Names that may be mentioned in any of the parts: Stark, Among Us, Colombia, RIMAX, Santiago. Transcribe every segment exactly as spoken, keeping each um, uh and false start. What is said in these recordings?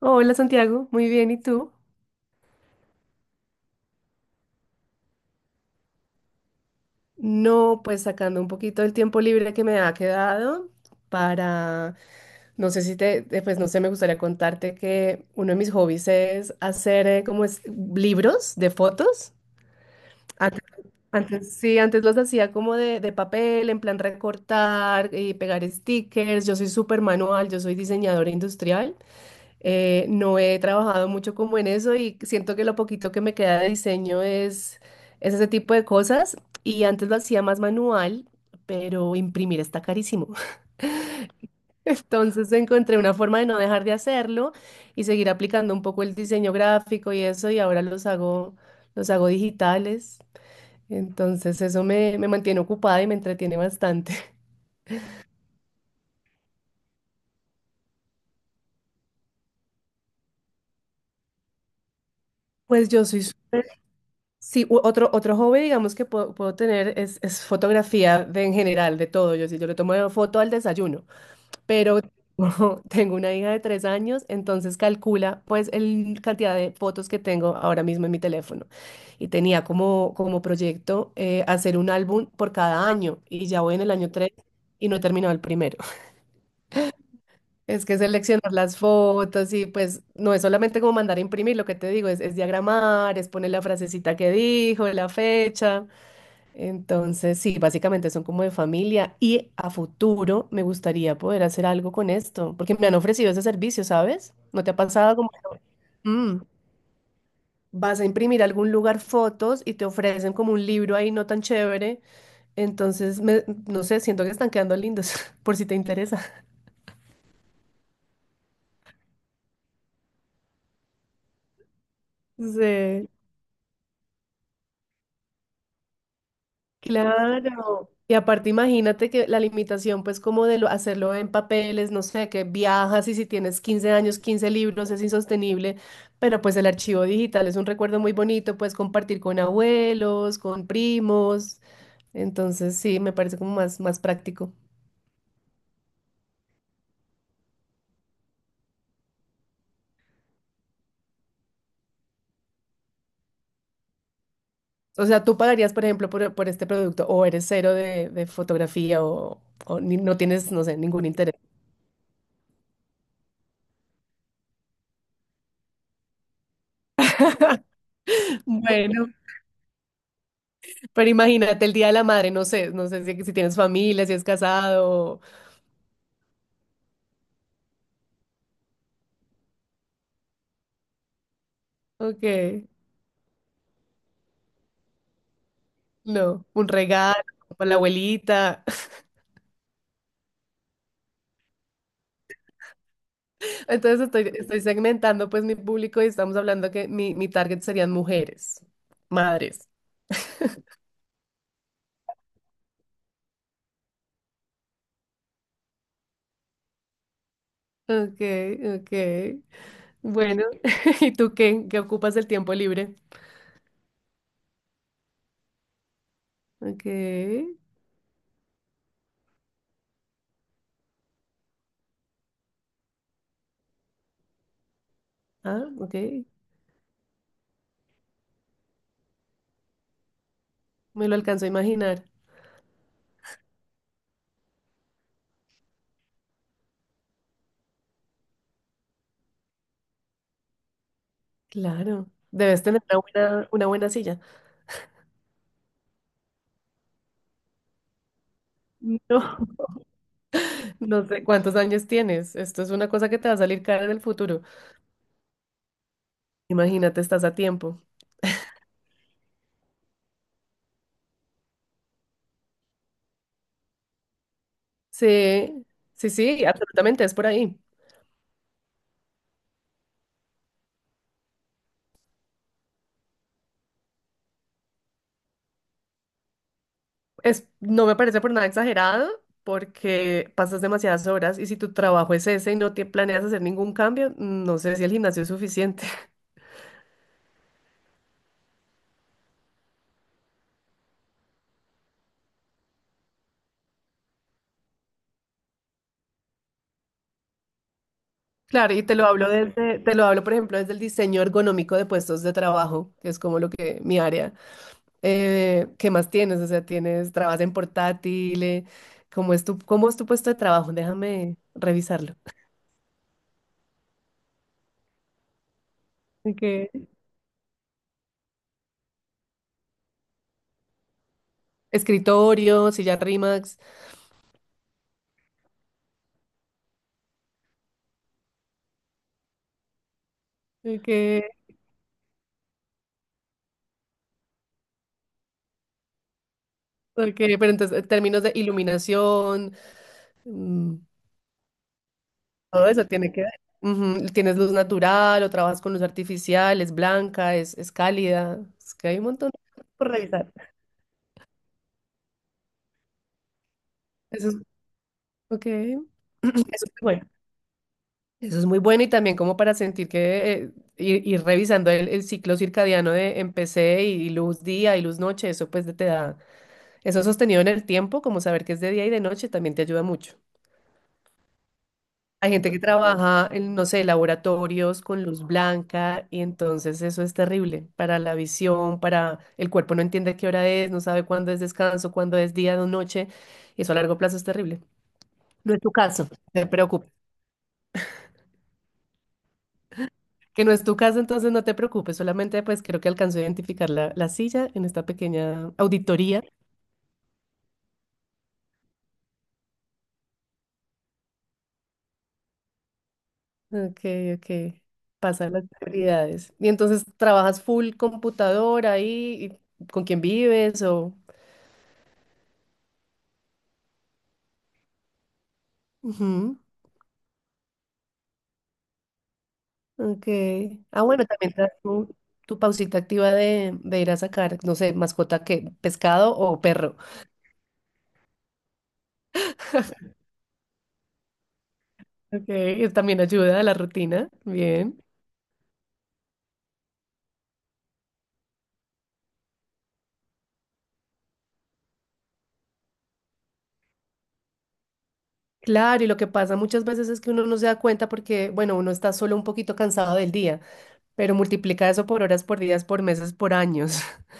Hola Santiago, muy bien, ¿y tú? No, pues sacando un poquito del tiempo libre que me ha quedado para, no sé si te, te- pues no sé, me gustaría contarte que uno de mis hobbies es hacer eh, como es, libros de fotos. Antes, antes- sí, antes los hacía como de, de papel, en plan recortar y pegar stickers. Yo soy súper manual, yo soy diseñadora industrial. Eh, no he trabajado mucho como en eso y siento que lo poquito que me queda de diseño es, es ese tipo de cosas. Y antes lo hacía más manual, pero imprimir está carísimo. Entonces encontré una forma de no dejar de hacerlo y seguir aplicando un poco el diseño gráfico y eso, y ahora los hago, los hago digitales. Entonces eso me, me mantiene ocupada y me entretiene bastante. Pues yo soy súper. Sí, u- otro, otro hobby, digamos, que puedo, puedo tener es, es fotografía de, en general, de todo. Yo sí, yo le tomo foto al desayuno, pero tengo una hija de tres años, entonces calcula pues el cantidad de fotos que tengo ahora mismo en mi teléfono. Y tenía como, como proyecto eh, hacer un álbum por cada año y ya voy en el año tres y no he terminado el primero. Es que seleccionar las fotos y pues no es solamente como mandar a imprimir, lo que te digo, es, es diagramar, es poner la frasecita que dijo, la fecha. Entonces, sí, básicamente son como de familia y a futuro me gustaría poder hacer algo con esto, porque me han ofrecido ese servicio, ¿sabes? ¿No te ha pasado como que, mm, vas a imprimir a algún lugar fotos y te ofrecen como un libro ahí no tan chévere? Entonces, me- no sé, siento que están quedando lindos, por si te interesa. Sí. Claro. Y aparte imagínate que la limitación pues como de lo- hacerlo en papeles, no sé, que viajas y si tienes quince años, quince libros es insostenible, pero pues el archivo digital es un recuerdo muy bonito, puedes compartir con abuelos, con primos, entonces sí, me parece como más, más práctico. O sea, tú pagarías, por ejemplo, por, por este producto o eres cero de, de fotografía o, o ni- no tienes, no sé, ningún interés. Bueno, pero imagínate el Día de la Madre, no sé, no sé si, si tienes familia, si es casado. Ok, no, un regalo para la abuelita. Entonces estoy, estoy segmentando pues mi público y estamos hablando que mi, mi target serían mujeres, madres. Ok, ok. Bueno, ¿y tú qué? ¿Qué ocupas el tiempo libre? Ok, ah, ok. Me lo alcanzo a imaginar. Claro, debes tener una buena, una buena silla. No, no sé cuántos años tienes. Esto es una cosa que te va a salir cara en el futuro. Imagínate, estás a tiempo. Sí, sí, sí, absolutamente, es por ahí. Es, no me parece por nada exagerado porque pasas demasiadas horas y si tu trabajo es ese y no te planeas hacer ningún cambio, no sé si el gimnasio es suficiente. Claro, y te lo hablo desde, te lo hablo, por ejemplo, desde el diseño ergonómico de puestos de trabajo, que es como lo que mi área. Eh, ¿qué más tienes? O sea, tienes, trabajas en portátil, eh, ¿cómo es tu, cómo es tu puesto de trabajo? Déjame revisarlo. Ok. Escritorio, silla RIMAX. Ok. Ok, pero entonces, en términos de iluminación, mm, todo eso tiene que ver. Ujú. ¿Tienes luz natural o trabajas con luz artificial? ¿Es blanca? ¿Es, es cálida? Es que hay un montón de cosas por revisar. Eso es. Ok. Eso es muy bueno. Eso es muy bueno y también como para sentir que eh, ir, ir revisando el, el ciclo circadiano de empecé y luz día y luz noche, eso pues te da, eso sostenido en el tiempo, como saber que es de día y de noche, también te ayuda mucho. Hay gente que trabaja en, no sé, laboratorios con luz blanca y entonces eso es terrible para la visión, para el cuerpo no entiende qué hora es, no sabe cuándo es descanso, cuándo es día o noche y eso a largo plazo es terrible. No es tu caso, no te preocupes. Que no es tu caso, entonces no te preocupes, solamente pues creo que alcanzó a identificar la, la silla en esta pequeña auditoría. Ok, ok. Pasan las prioridades. Y entonces trabajas full computadora ahí, y ¿con quién vives o...? Ujú. Ok. Ah, bueno, también te das tu, tu pausita activa de, de ir a sacar, no sé, mascota que, pescado o perro. Ok, eso también ayuda a la rutina. Bien. Claro, y lo que pasa muchas veces es que uno no se da cuenta porque, bueno, uno está solo un poquito cansado del día, pero multiplica eso por horas, por días, por meses, por años.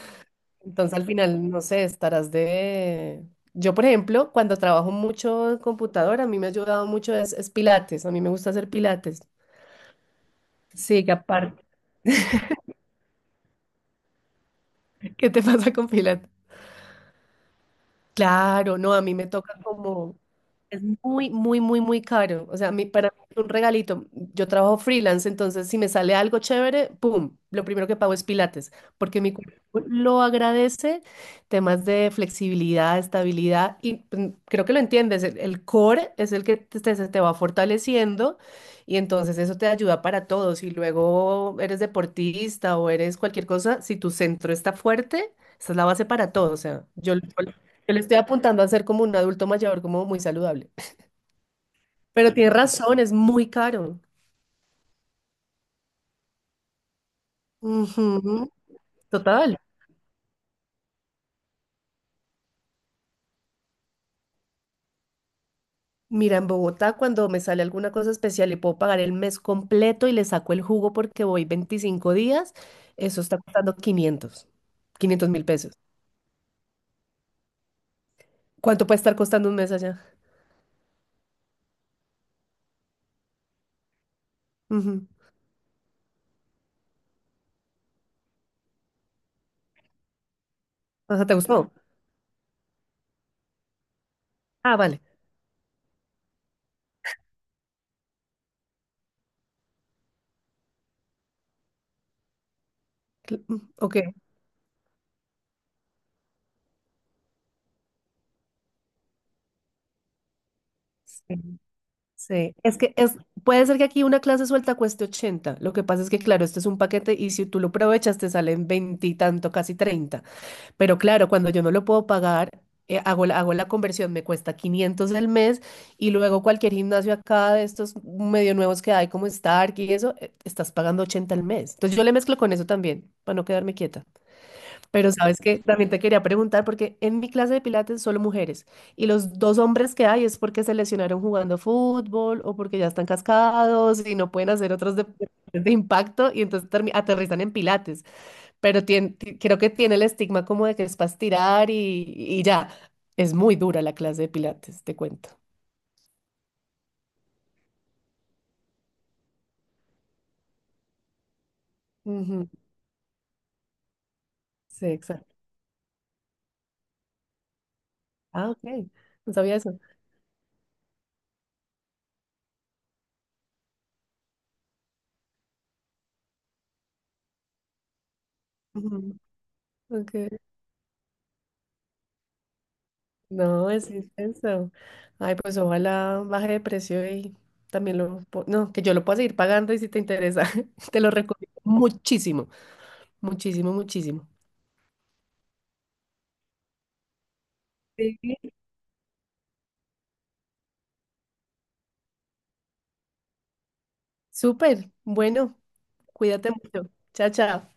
Entonces al final, no sé, estarás de... Yo, por ejemplo, cuando trabajo mucho en computadora, a mí me ha ayudado mucho es, es pilates. A mí me gusta hacer pilates. Sí, que aparte, ¿qué te pasa con Pilates? Claro, no, a mí me toca como, es muy, muy, muy, muy caro. O sea, a mí, para mí es un regalito. Yo trabajo freelance, entonces si me sale algo chévere, ¡pum! Lo primero que pago es Pilates, porque mi cuerpo lo agradece, temas de flexibilidad, estabilidad, y pues, creo que lo entiendes, el, el core es el que te, te- se te va fortaleciendo y entonces eso te ayuda para todo. Si luego eres deportista o eres cualquier cosa, si tu centro está fuerte, esa es la base para todo. O sea, yo... Yo le estoy apuntando a ser como un adulto mayor, como muy saludable. Pero tienes razón, es muy caro. Ujú. Total. Mira, en Bogotá cuando me sale alguna cosa especial y puedo pagar el mes completo y le saco el jugo porque voy veinticinco días, eso está costando quinientos, quinientos mil pesos. ¿Cuánto puede estar costando un mes allá? Ujú. Ajá, ¿te gustó? Ah, vale. Cl- mm, Ok. Sí. Sí, es que es, puede ser que aquí una clase suelta cueste ochenta. Lo que pasa es que, claro, este es un paquete y si tú lo aprovechas te salen veinte y tanto, casi treinta. Pero claro, cuando yo no lo puedo pagar, eh, hago la, hago la conversión, me cuesta quinientos el mes y luego cualquier gimnasio acá de estos medio nuevos que hay como Stark y eso, eh, estás pagando ochenta al mes. Entonces yo le mezclo con eso también, para no quedarme quieta. Pero sabes que también te quería preguntar, porque en mi clase de pilates solo mujeres, y los dos hombres que hay es porque se lesionaron jugando fútbol o porque ya están cascados y no pueden hacer otros deportes de impacto y entonces termi- aterrizan en pilates. Pero tien- ti- creo que tiene el estigma como de que es para estirar y, y ya. Es muy dura la clase de pilates, te cuento. Ujú, sí, exacto. Ah, ok. No sabía eso. Ujú, ok. No, es intenso. Ay, pues ojalá baje de precio y también lo... po- No, que yo lo pueda seguir pagando y si te interesa, te lo recomiendo muchísimo, muchísimo, muchísimo. Sí. Súper, bueno, cuídate mucho. Chao, chao.